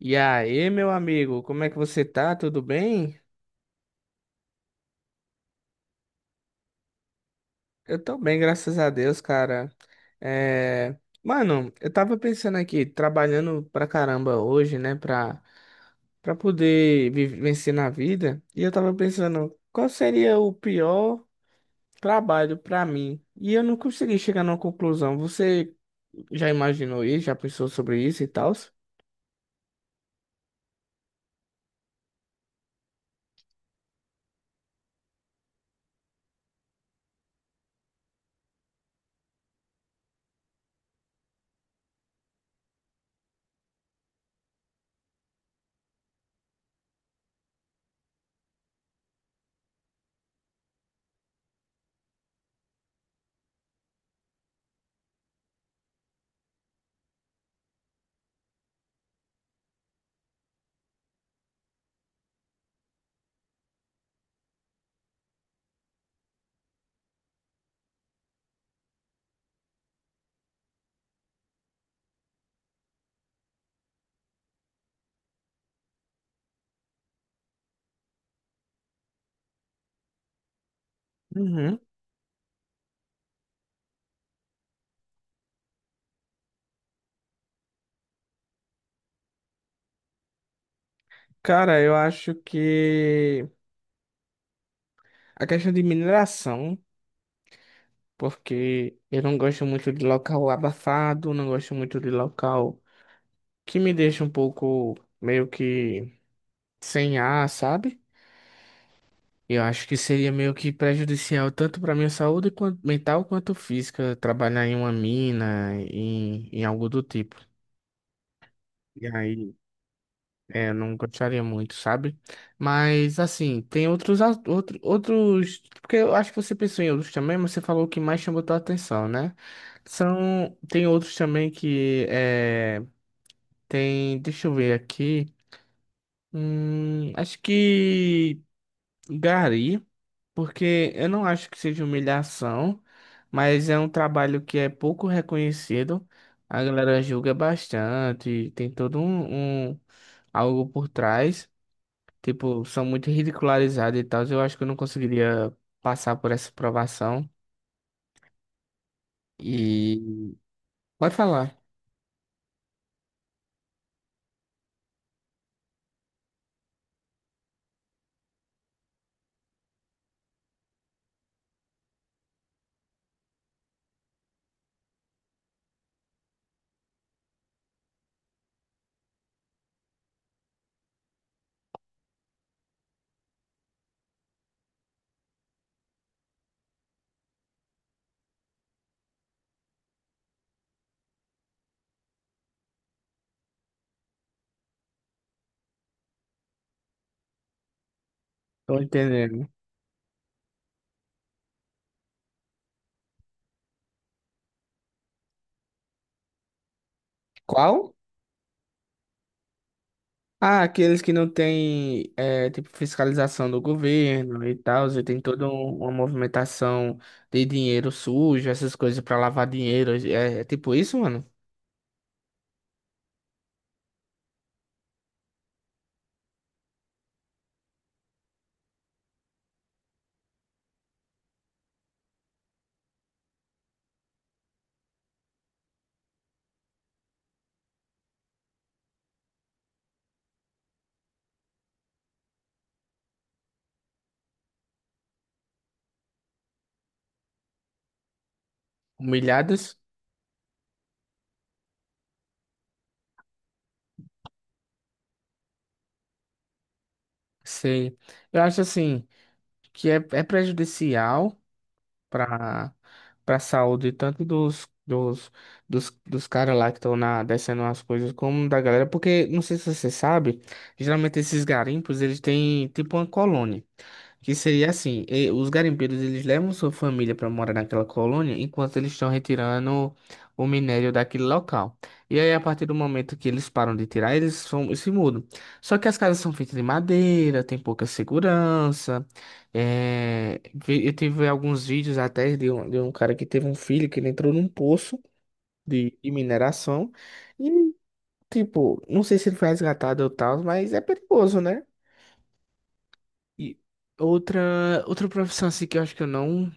E aí, meu amigo, como é que você tá? Tudo bem? Eu tô bem, graças a Deus, cara. É... Mano, eu tava pensando aqui, trabalhando pra caramba hoje, né, pra poder vencer na vida, e eu tava pensando, qual seria o pior trabalho pra mim? E eu não consegui chegar numa conclusão. Você já imaginou isso? Já pensou sobre isso e tal? Uhum. Cara, eu acho que a questão de mineração, porque eu não gosto muito de local abafado, não gosto muito de local que me deixa um pouco meio que sem ar, sabe? Eu acho que seria meio que prejudicial tanto para minha saúde mental quanto física trabalhar em uma mina, em algo do tipo. E aí, é, eu não gostaria muito, sabe? Mas, assim, tem outros. Porque eu acho que você pensou em outros também, mas você falou o que mais chamou tua atenção, né? São. Tem outros também que. É, tem. Deixa eu ver aqui. Acho que gari, porque eu não acho que seja humilhação, mas é um trabalho que é pouco reconhecido. A galera julga bastante, tem todo algo por trás. Tipo, são muito ridicularizados e tal. Eu acho que eu não conseguiria passar por essa provação. E. Pode falar. Tô entendendo. Qual? Ah, aqueles que não têm, é, tipo, fiscalização do governo e tal. E tem toda uma movimentação de dinheiro sujo, essas coisas pra lavar dinheiro. É, é tipo isso, mano? Humilhadas? Sei. Eu acho assim. Que é, é prejudicial para para saúde, tanto dos caras lá que estão na descendo as coisas, como da galera, porque não sei se você sabe, geralmente esses garimpos, eles têm tipo uma colônia, que seria assim, os garimpeiros, eles levam sua família para morar naquela colônia enquanto eles estão retirando o minério daquele local. E aí, a partir do momento que eles param de tirar, se mudam. Só que as casas são feitas de madeira, tem pouca segurança, é, eu tive alguns vídeos até de um cara que teve um filho que ele entrou num poço de mineração e, tipo, não sei se ele foi resgatado ou tal, mas é perigoso, né? E outra profissão assim que eu acho que eu não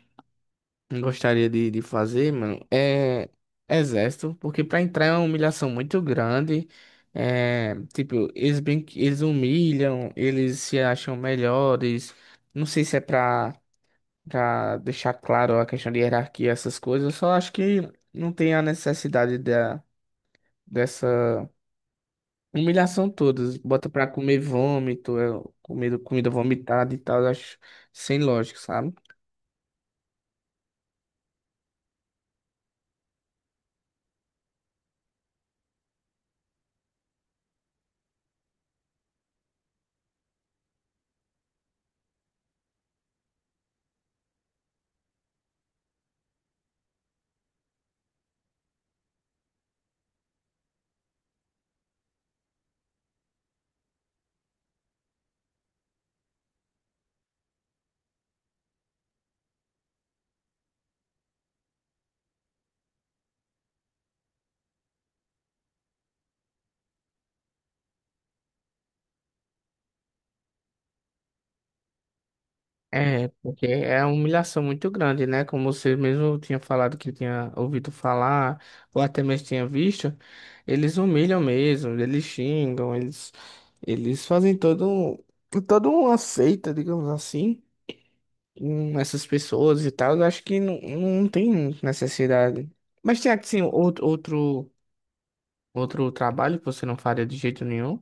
gostaria de fazer, mano, é exército, porque pra entrar é uma humilhação muito grande. É, tipo, eles, bem, eles humilham, eles se acham melhores. Não sei se é pra. Pra deixar claro a questão de hierarquia, essas coisas, eu só acho que não tem a necessidade da, dessa humilhação toda. Bota pra comer vômito, é, comida vomitada e tal, eu acho sem lógica, sabe? É, porque é uma humilhação muito grande, né? Como você mesmo tinha falado que tinha ouvido falar, ou até mesmo tinha visto, eles humilham mesmo, eles xingam, eles fazem toda uma seita, digamos assim, essas pessoas e tal, eu acho que não, não tem necessidade. Mas tem assim, outro trabalho que você não faria de jeito nenhum.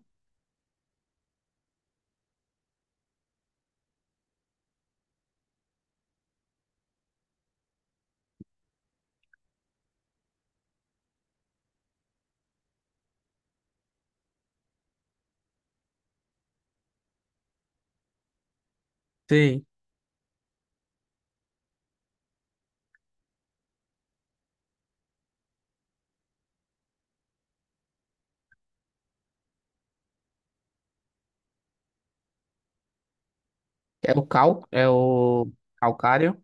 Sim. É o cal, é o calcário.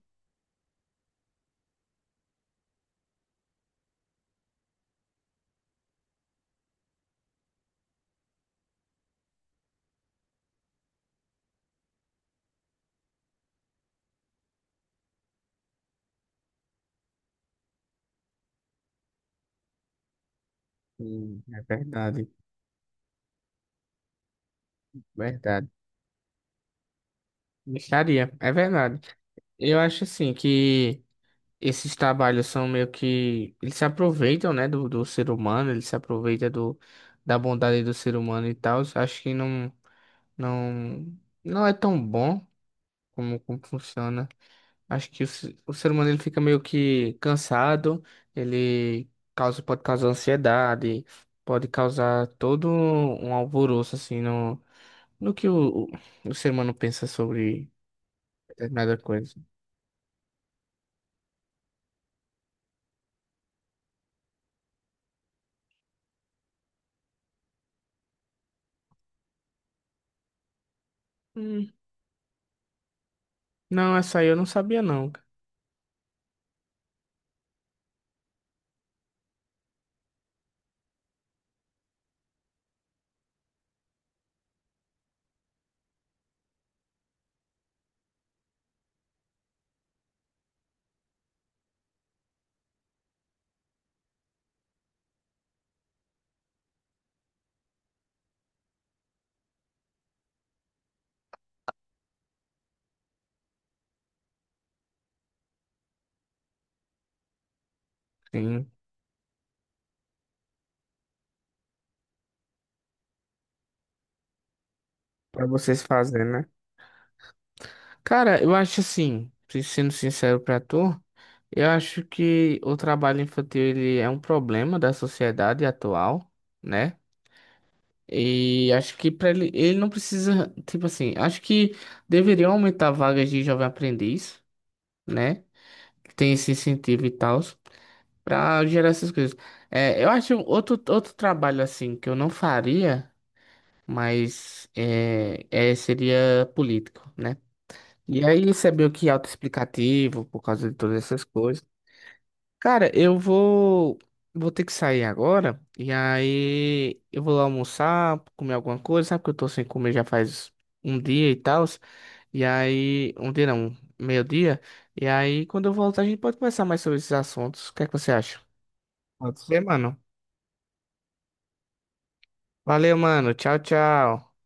É verdade, verdade. Mexaria, é verdade. Eu acho assim que esses trabalhos são meio que. Eles se aproveitam, né, do, do ser humano, eles se aproveitam do, da bondade do ser humano e tal. Acho que não, não é tão bom como, como funciona. Acho que o, o ser humano ele fica meio que cansado, ele causa, pode causar ansiedade, pode causar todo um alvoroço assim no, no que o ser humano pensa sobre determinada coisa. Hum, não, essa aí eu não sabia não. Sim, pra vocês fazerem, né? Cara, eu acho assim, sendo sincero pra tu, eu acho que o trabalho infantil ele é um problema da sociedade atual, né? E acho que para ele, ele não precisa, tipo assim, acho que deveriam aumentar vagas de jovem aprendiz, né? Que tem esse incentivo e tal, para gerar essas coisas. É, eu acho outro trabalho assim que eu não faria, mas seria político, né? E aí isso é meio que autoexplicativo por causa de todas essas coisas. Cara, eu vou ter que sair agora e aí eu vou lá almoçar, comer alguma coisa, sabe que eu tô sem comer já faz um dia e tal. E aí, um dia não, meio-dia. E aí, quando eu voltar, a gente pode conversar mais sobre esses assuntos. O que é que você acha? Pode ser, mano. Valeu, mano. Tchau, tchau.